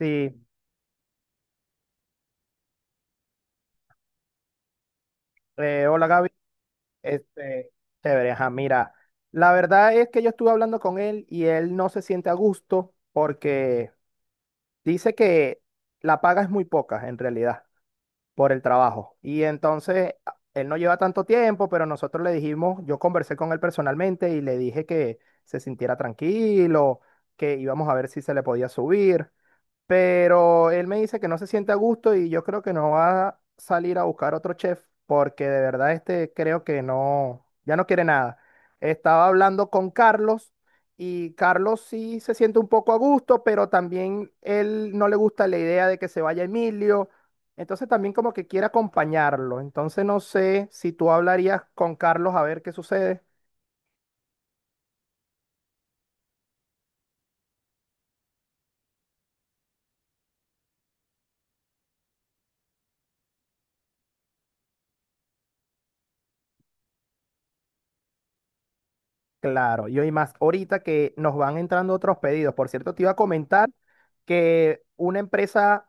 Sí, hola Gaby, este, chévere, ajá, mira, la verdad es que yo estuve hablando con él y él no se siente a gusto porque dice que la paga es muy poca en realidad por el trabajo y entonces él no lleva tanto tiempo, pero nosotros le dijimos, yo conversé con él personalmente y le dije que se sintiera tranquilo, que íbamos a ver si se le podía subir. Pero él me dice que no se siente a gusto y yo creo que no va a salir a buscar otro chef porque de verdad creo que no, ya no quiere nada. Estaba hablando con Carlos y Carlos sí se siente un poco a gusto, pero también él no le gusta la idea de que se vaya Emilio. Entonces también como que quiere acompañarlo. Entonces no sé si tú hablarías con Carlos a ver qué sucede. Claro, y hoy más, ahorita que nos van entrando otros pedidos. Por cierto, te iba a comentar que una empresa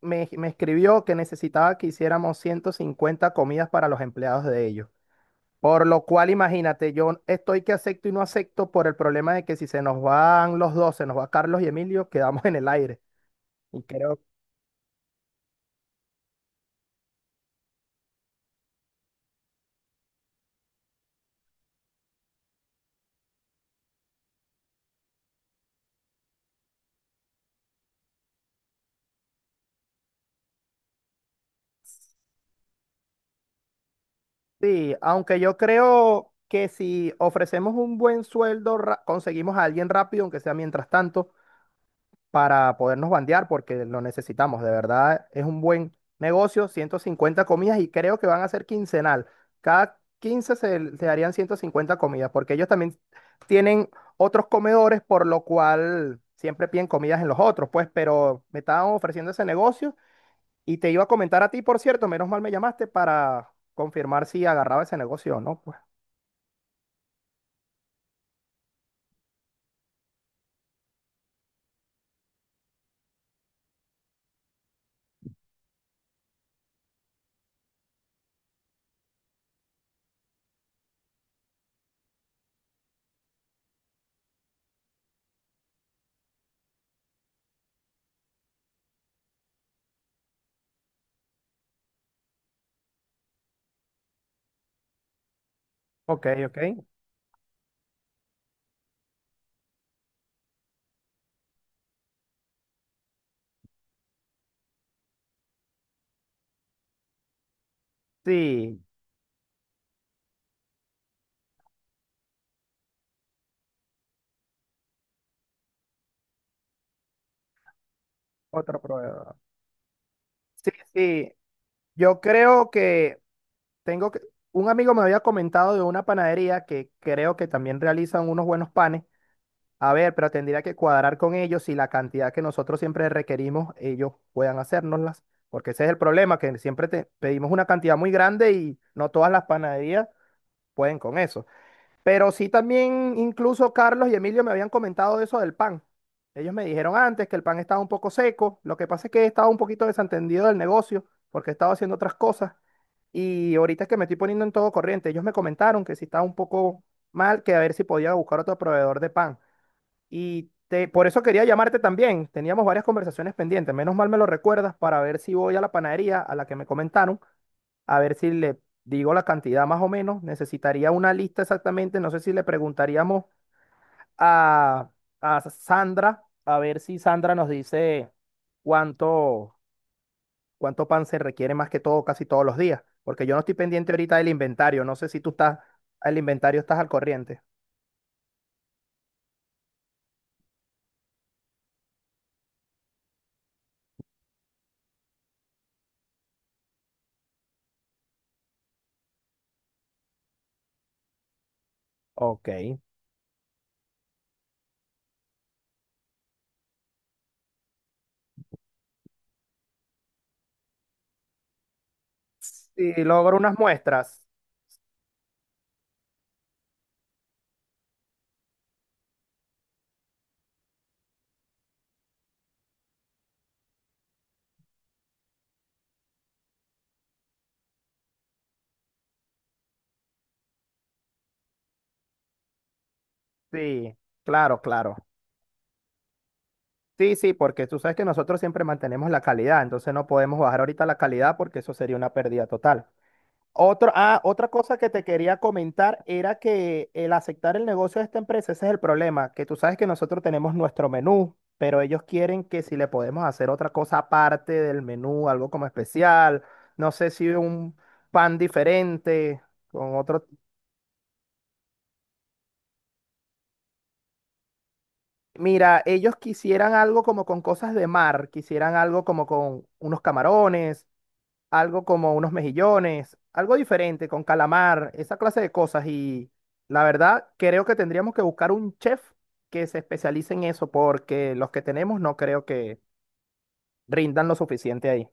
me escribió que necesitaba que hiciéramos 150 comidas para los empleados de ellos. Por lo cual, imagínate, yo estoy que acepto y no acepto por el problema de que si se nos van los dos, se nos va Carlos y Emilio, quedamos en el aire. Y creo, sí, aunque yo creo que si ofrecemos un buen sueldo, conseguimos a alguien rápido, aunque sea mientras tanto, para podernos bandear porque lo necesitamos. De verdad, es un buen negocio, 150 comidas y creo que van a ser quincenal. Cada 15 se harían 150 comidas porque ellos también tienen otros comedores, por lo cual siempre piden comidas en los otros, pues, pero me estaban ofreciendo ese negocio y te iba a comentar a ti, por cierto, menos mal me llamaste para confirmar si agarraba ese negocio o no, pues. Ok, ok. Sí, otro prueba. Sí, sí. Yo creo que tengo que, un amigo me había comentado de una panadería que creo que también realizan unos buenos panes. A ver, pero tendría que cuadrar con ellos si la cantidad que nosotros siempre requerimos, ellos puedan hacérnoslas. Porque ese es el problema, que siempre te pedimos una cantidad muy grande y no todas las panaderías pueden con eso. Pero sí, también incluso Carlos y Emilio me habían comentado eso del pan. Ellos me dijeron antes que el pan estaba un poco seco. Lo que pasa es que estaba un poquito desentendido del negocio porque estaba haciendo otras cosas. Y ahorita es que me estoy poniendo en todo corriente. Ellos me comentaron que si estaba un poco mal, que a ver si podía buscar otro proveedor de pan. Por eso quería llamarte también. Teníamos varias conversaciones pendientes. Menos mal me lo recuerdas para ver si voy a la panadería a la que me comentaron, a ver si le digo la cantidad más o menos. Necesitaría una lista exactamente. No sé si le preguntaríamos a, a Sandra, a ver si Sandra nos dice cuánto, cuánto pan se requiere más que todo, casi todos los días. Porque yo no estoy pendiente ahorita del inventario. No sé si tú estás, el inventario, estás al corriente. Ok. Si logro unas muestras. Sí, claro, claro. Sí, sí, porque tú sabes que nosotros siempre mantenemos la calidad, entonces no podemos bajar ahorita la calidad porque eso sería una pérdida total. Otro, ah, otra cosa que te quería comentar era que el aceptar el negocio de esta empresa, ese es el problema, que tú sabes que nosotros tenemos nuestro menú, pero ellos quieren que si le podemos hacer otra cosa aparte del menú, algo como especial, no sé si un pan diferente, con otro... Mira, ellos quisieran algo como con cosas de mar, quisieran algo como con unos camarones, algo como unos mejillones, algo diferente, con calamar, esa clase de cosas. Y la verdad, creo que tendríamos que buscar un chef que se especialice en eso, porque los que tenemos no creo que rindan lo suficiente ahí.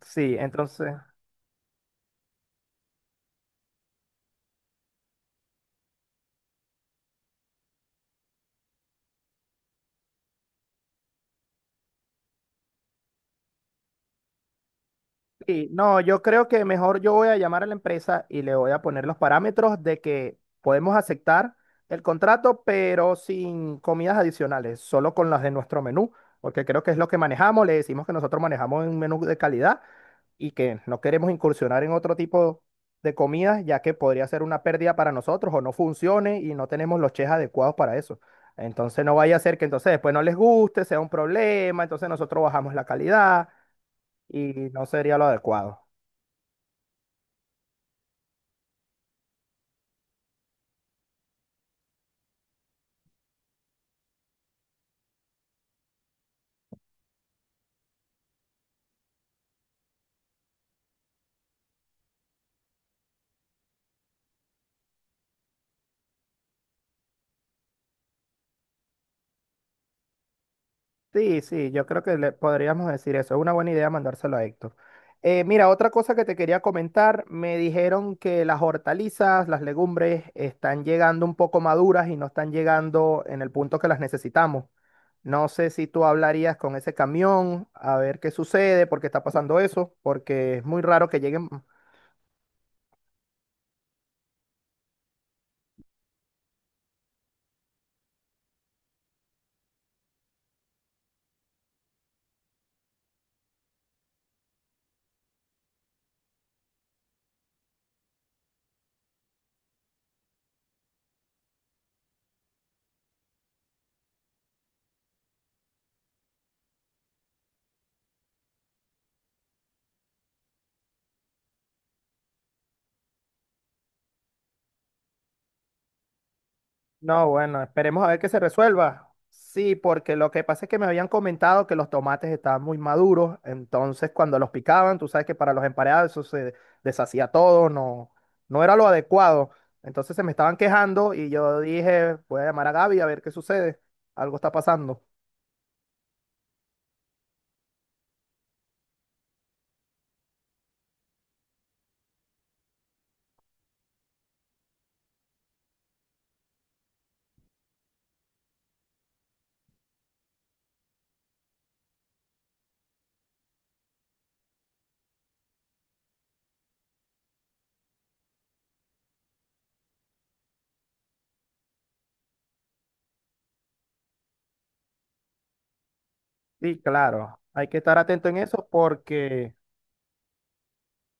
Sí, entonces, sí, no, yo creo que mejor yo voy a llamar a la empresa y le voy a poner los parámetros de que podemos aceptar el contrato, pero sin comidas adicionales, solo con las de nuestro menú, porque creo que es lo que manejamos, le decimos que nosotros manejamos un menú de calidad y que no queremos incursionar en otro tipo de comidas, ya que podría ser una pérdida para nosotros o no funcione y no tenemos los chefs adecuados para eso. Entonces no vaya a ser que entonces después no les guste, sea un problema, entonces nosotros bajamos la calidad y no sería lo adecuado. Sí, sí, yo creo que le podríamos decir eso. Es una buena idea mandárselo a Héctor. Mira, otra cosa que te quería comentar, me dijeron que las hortalizas, las legumbres están llegando un poco maduras y no están llegando en el punto que las necesitamos. No sé si tú hablarías con ese camión a ver qué sucede, por qué está pasando eso, porque es muy raro que lleguen. No, bueno, esperemos a ver que se resuelva. Sí, porque lo que pasa es que me habían comentado que los tomates estaban muy maduros, entonces cuando los picaban, tú sabes que para los emparedados eso se deshacía todo, no, no era lo adecuado. Entonces se me estaban quejando y yo dije, voy a llamar a Gaby a ver qué sucede, algo está pasando. Sí, claro, hay que estar atento en eso porque...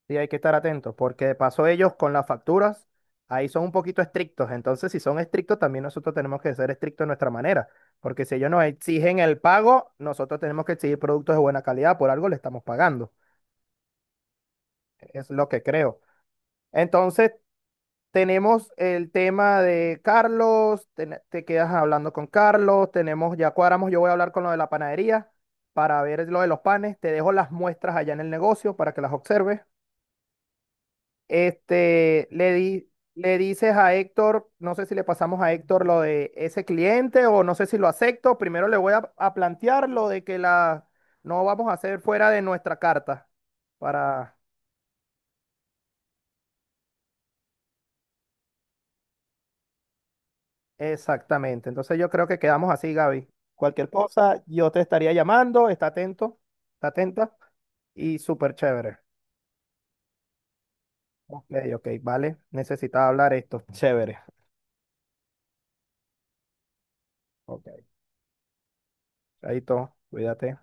Sí, hay que estar atentos, porque de paso ellos con las facturas, ahí son un poquito estrictos. Entonces, si son estrictos, también nosotros tenemos que ser estrictos de nuestra manera, porque si ellos nos exigen el pago, nosotros tenemos que exigir productos de buena calidad, por algo le estamos pagando, es lo que creo. Entonces, tenemos el tema de Carlos, quedas hablando con Carlos, tenemos, ya cuadramos, yo voy a hablar con lo de la panadería para ver lo de los panes, te dejo las muestras allá en el negocio para que las observes. Este, le dices a Héctor, no sé si le pasamos a Héctor lo de ese cliente o no sé si lo acepto. Primero le voy a plantear lo de que la no vamos a hacer fuera de nuestra carta, para exactamente. Entonces yo creo que quedamos así, Gaby. Cualquier cosa, yo te estaría llamando, está atento, está atenta y súper chévere. Ok, ok, vale. Necesitaba hablar esto. Chévere. Ok. Ahí todo. Cuídate.